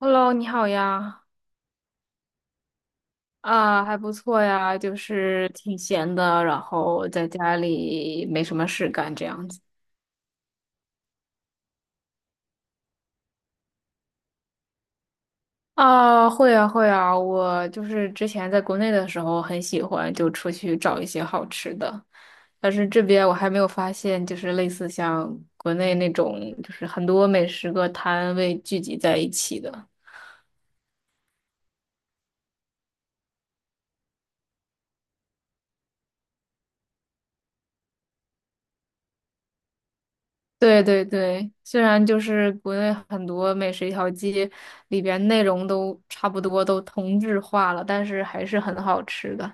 Hello，你好呀。还不错呀，就是挺闲的，然后在家里没什么事干这样子。会啊会啊，我就是之前在国内的时候很喜欢就出去找一些好吃的，但是这边我还没有发现，就是类似像国内那种，就是很多美食个摊位聚集在一起的。对对对，虽然就是国内很多美食一条街里边内容都差不多，都同质化了，但是还是很好吃的，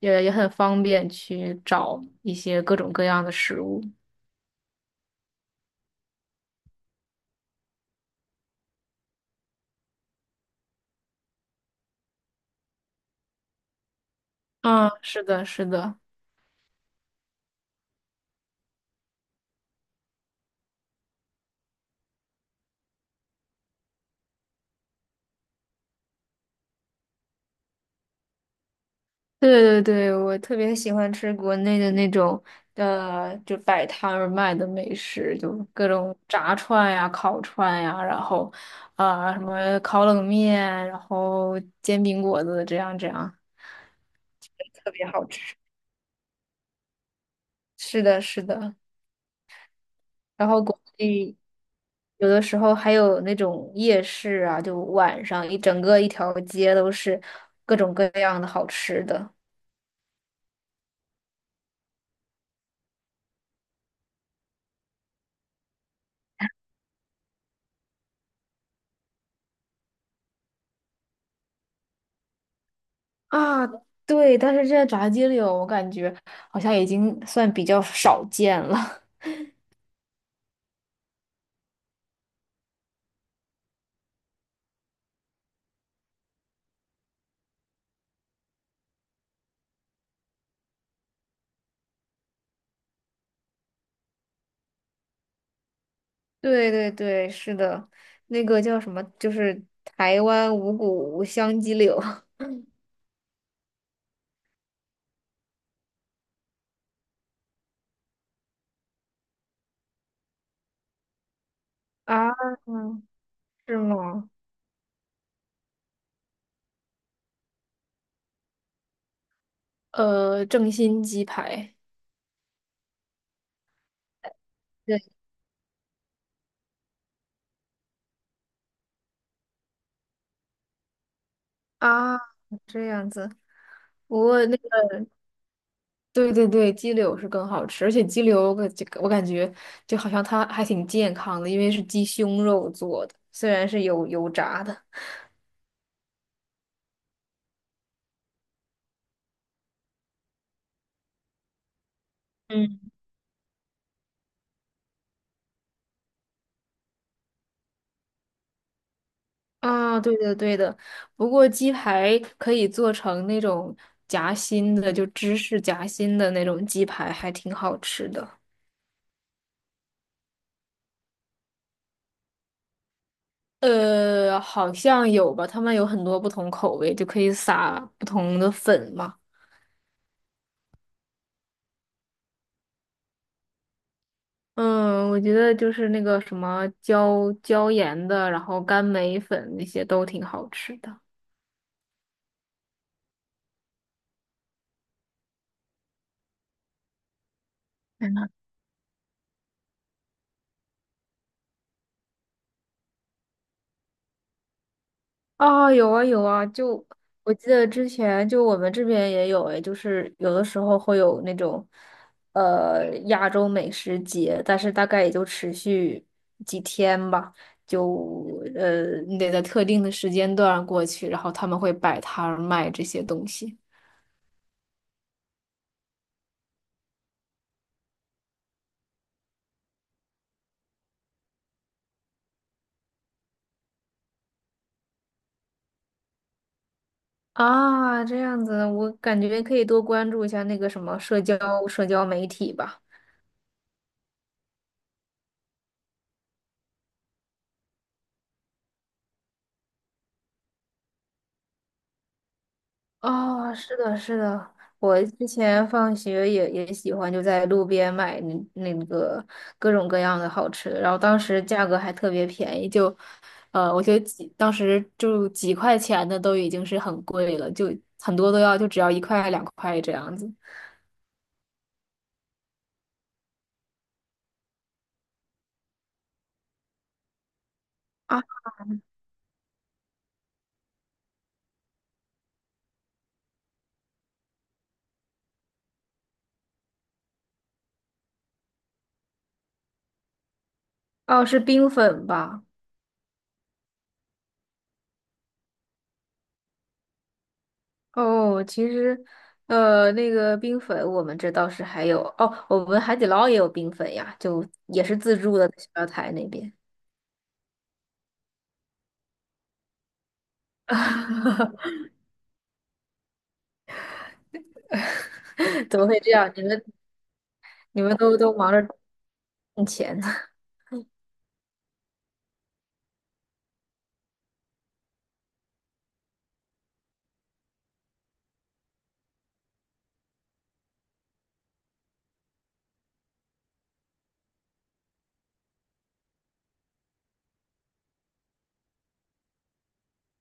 也很方便去找一些各种各样的食物。嗯，是的，是的。对对对，我特别喜欢吃国内的那种就摆摊儿卖的美食，就各种炸串呀、烤串呀，然后什么烤冷面，然后煎饼果子这样这样。特别好吃。是的，是的。然后国内有的时候还有那种夜市啊，就晚上一整个一条街都是各种各样的好吃的。啊，对，但是这在炸鸡柳，我感觉好像已经算比较少见了。对对对，是的，那个叫什么，就是台湾五谷香鸡柳。 啊，是吗？正新鸡排。对啊，这样子。不过那个，对对对，鸡柳是更好吃，而且鸡柳我感觉就好像它还挺健康的，因为是鸡胸肉做的，虽然是有油炸的。嗯。啊，对的对的，不过鸡排可以做成那种夹心的，就芝士夹心的那种鸡排，还挺好吃的。好像有吧，他们有很多不同口味，就可以撒不同的粉嘛。嗯，我觉得就是那个什么椒盐的，然后干梅粉那些都挺好吃的。啊，有啊有啊，就我记得之前就我们这边也有诶，就是有的时候会有那种亚洲美食节，但是大概也就持续几天吧，就你得在特定的时间段过去，然后他们会摆摊儿卖这些东西。啊，这样子，我感觉可以多关注一下那个什么社交媒体吧。哦，是的，是的，我之前放学也喜欢就在路边买那个各种各样的好吃的，然后当时价格还特别便宜，就，我觉得几当时就几块钱的都已经是很贵了，就很多都要就只要一块两块这样子。啊，哦，是冰粉吧？哦，其实，那个冰粉我们这倒是还有哦，我们海底捞也有冰粉呀，就也是自助的，在小料台那边。怎么会这样？你们你们都忙着挣钱。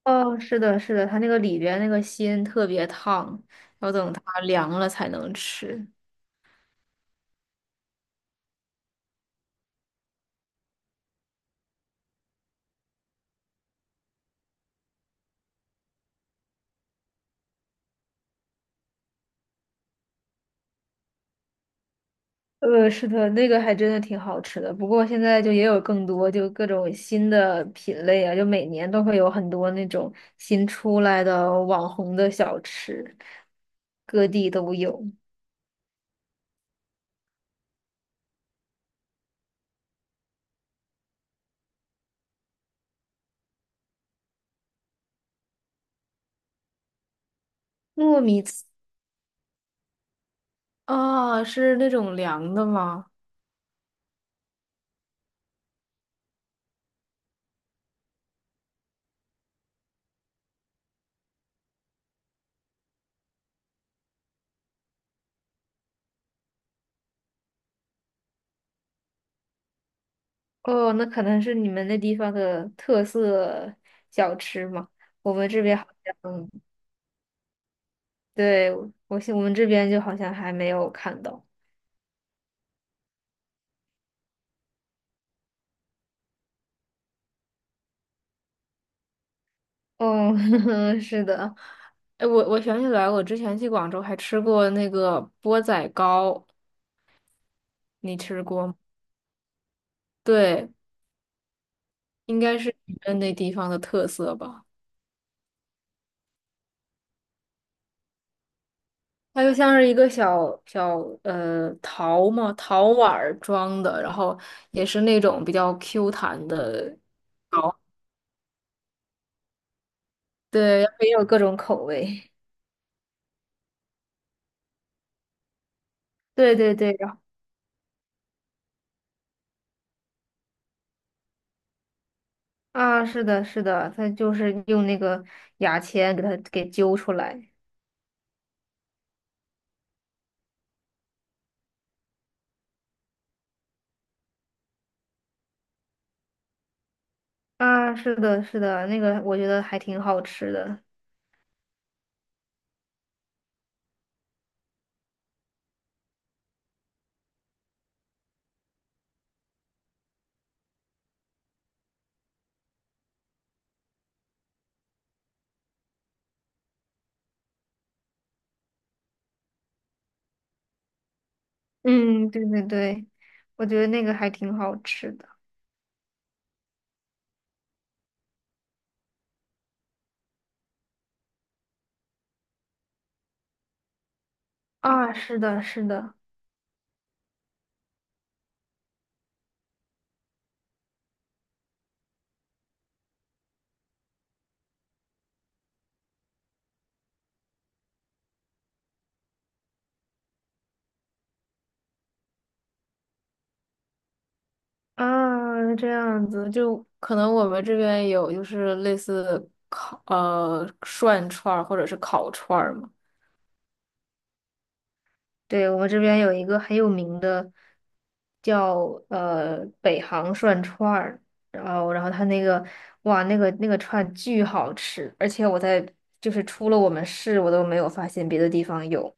哦，是的，是的，它那个里边那个心特别烫，要等它凉了才能吃。是的，那个还真的挺好吃的。不过现在就也有更多，就各种新的品类啊，就每年都会有很多那种新出来的网红的小吃，各地都有。糯米糍，啊，是那种凉的吗？哦，那可能是你们那地方的特色小吃嘛？我们这边好像，对，我们这边就好像还没有看到。哦，是的，哎，我想起来，我之前去广州还吃过那个钵仔糕，你吃过吗？对，应该是你们那地方的特色吧。它就像是一个小小陶嘛，陶碗儿装的，然后也是那种比较 Q 弹的。对，也有各种口味。对对对，然后啊，是的，是的，它就是用那个牙签给它给揪出来。啊，是的，是的，那个我觉得还挺好吃的。嗯，对对对，我觉得那个还挺好吃的。啊，是的，是的。啊，这样子就可能我们这边有就是类似烤涮串儿或者是烤串儿嘛。对，我们这边有一个很有名的叫北航涮串儿，然后他那个哇那个那个串巨好吃，而且我在就是出了我们市我都没有发现别的地方有。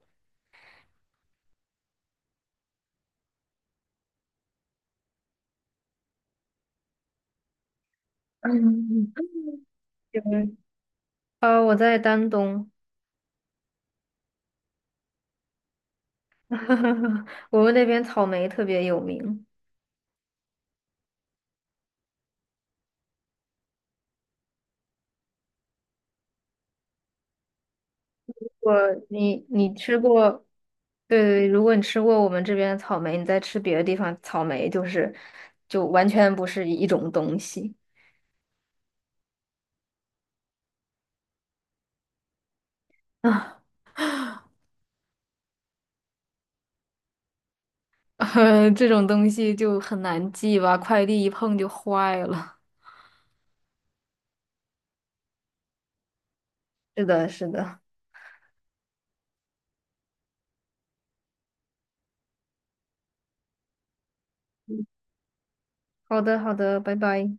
嗯。嗯，我在丹东。我们那边草莓特别有名。我你吃过？对对，如果你吃过我们这边的草莓，你再吃别的地方草莓，就是就完全不是一种东西。啊。这种东西就很难记吧，快递一碰就坏了。是的，是的。好的，好的，拜拜。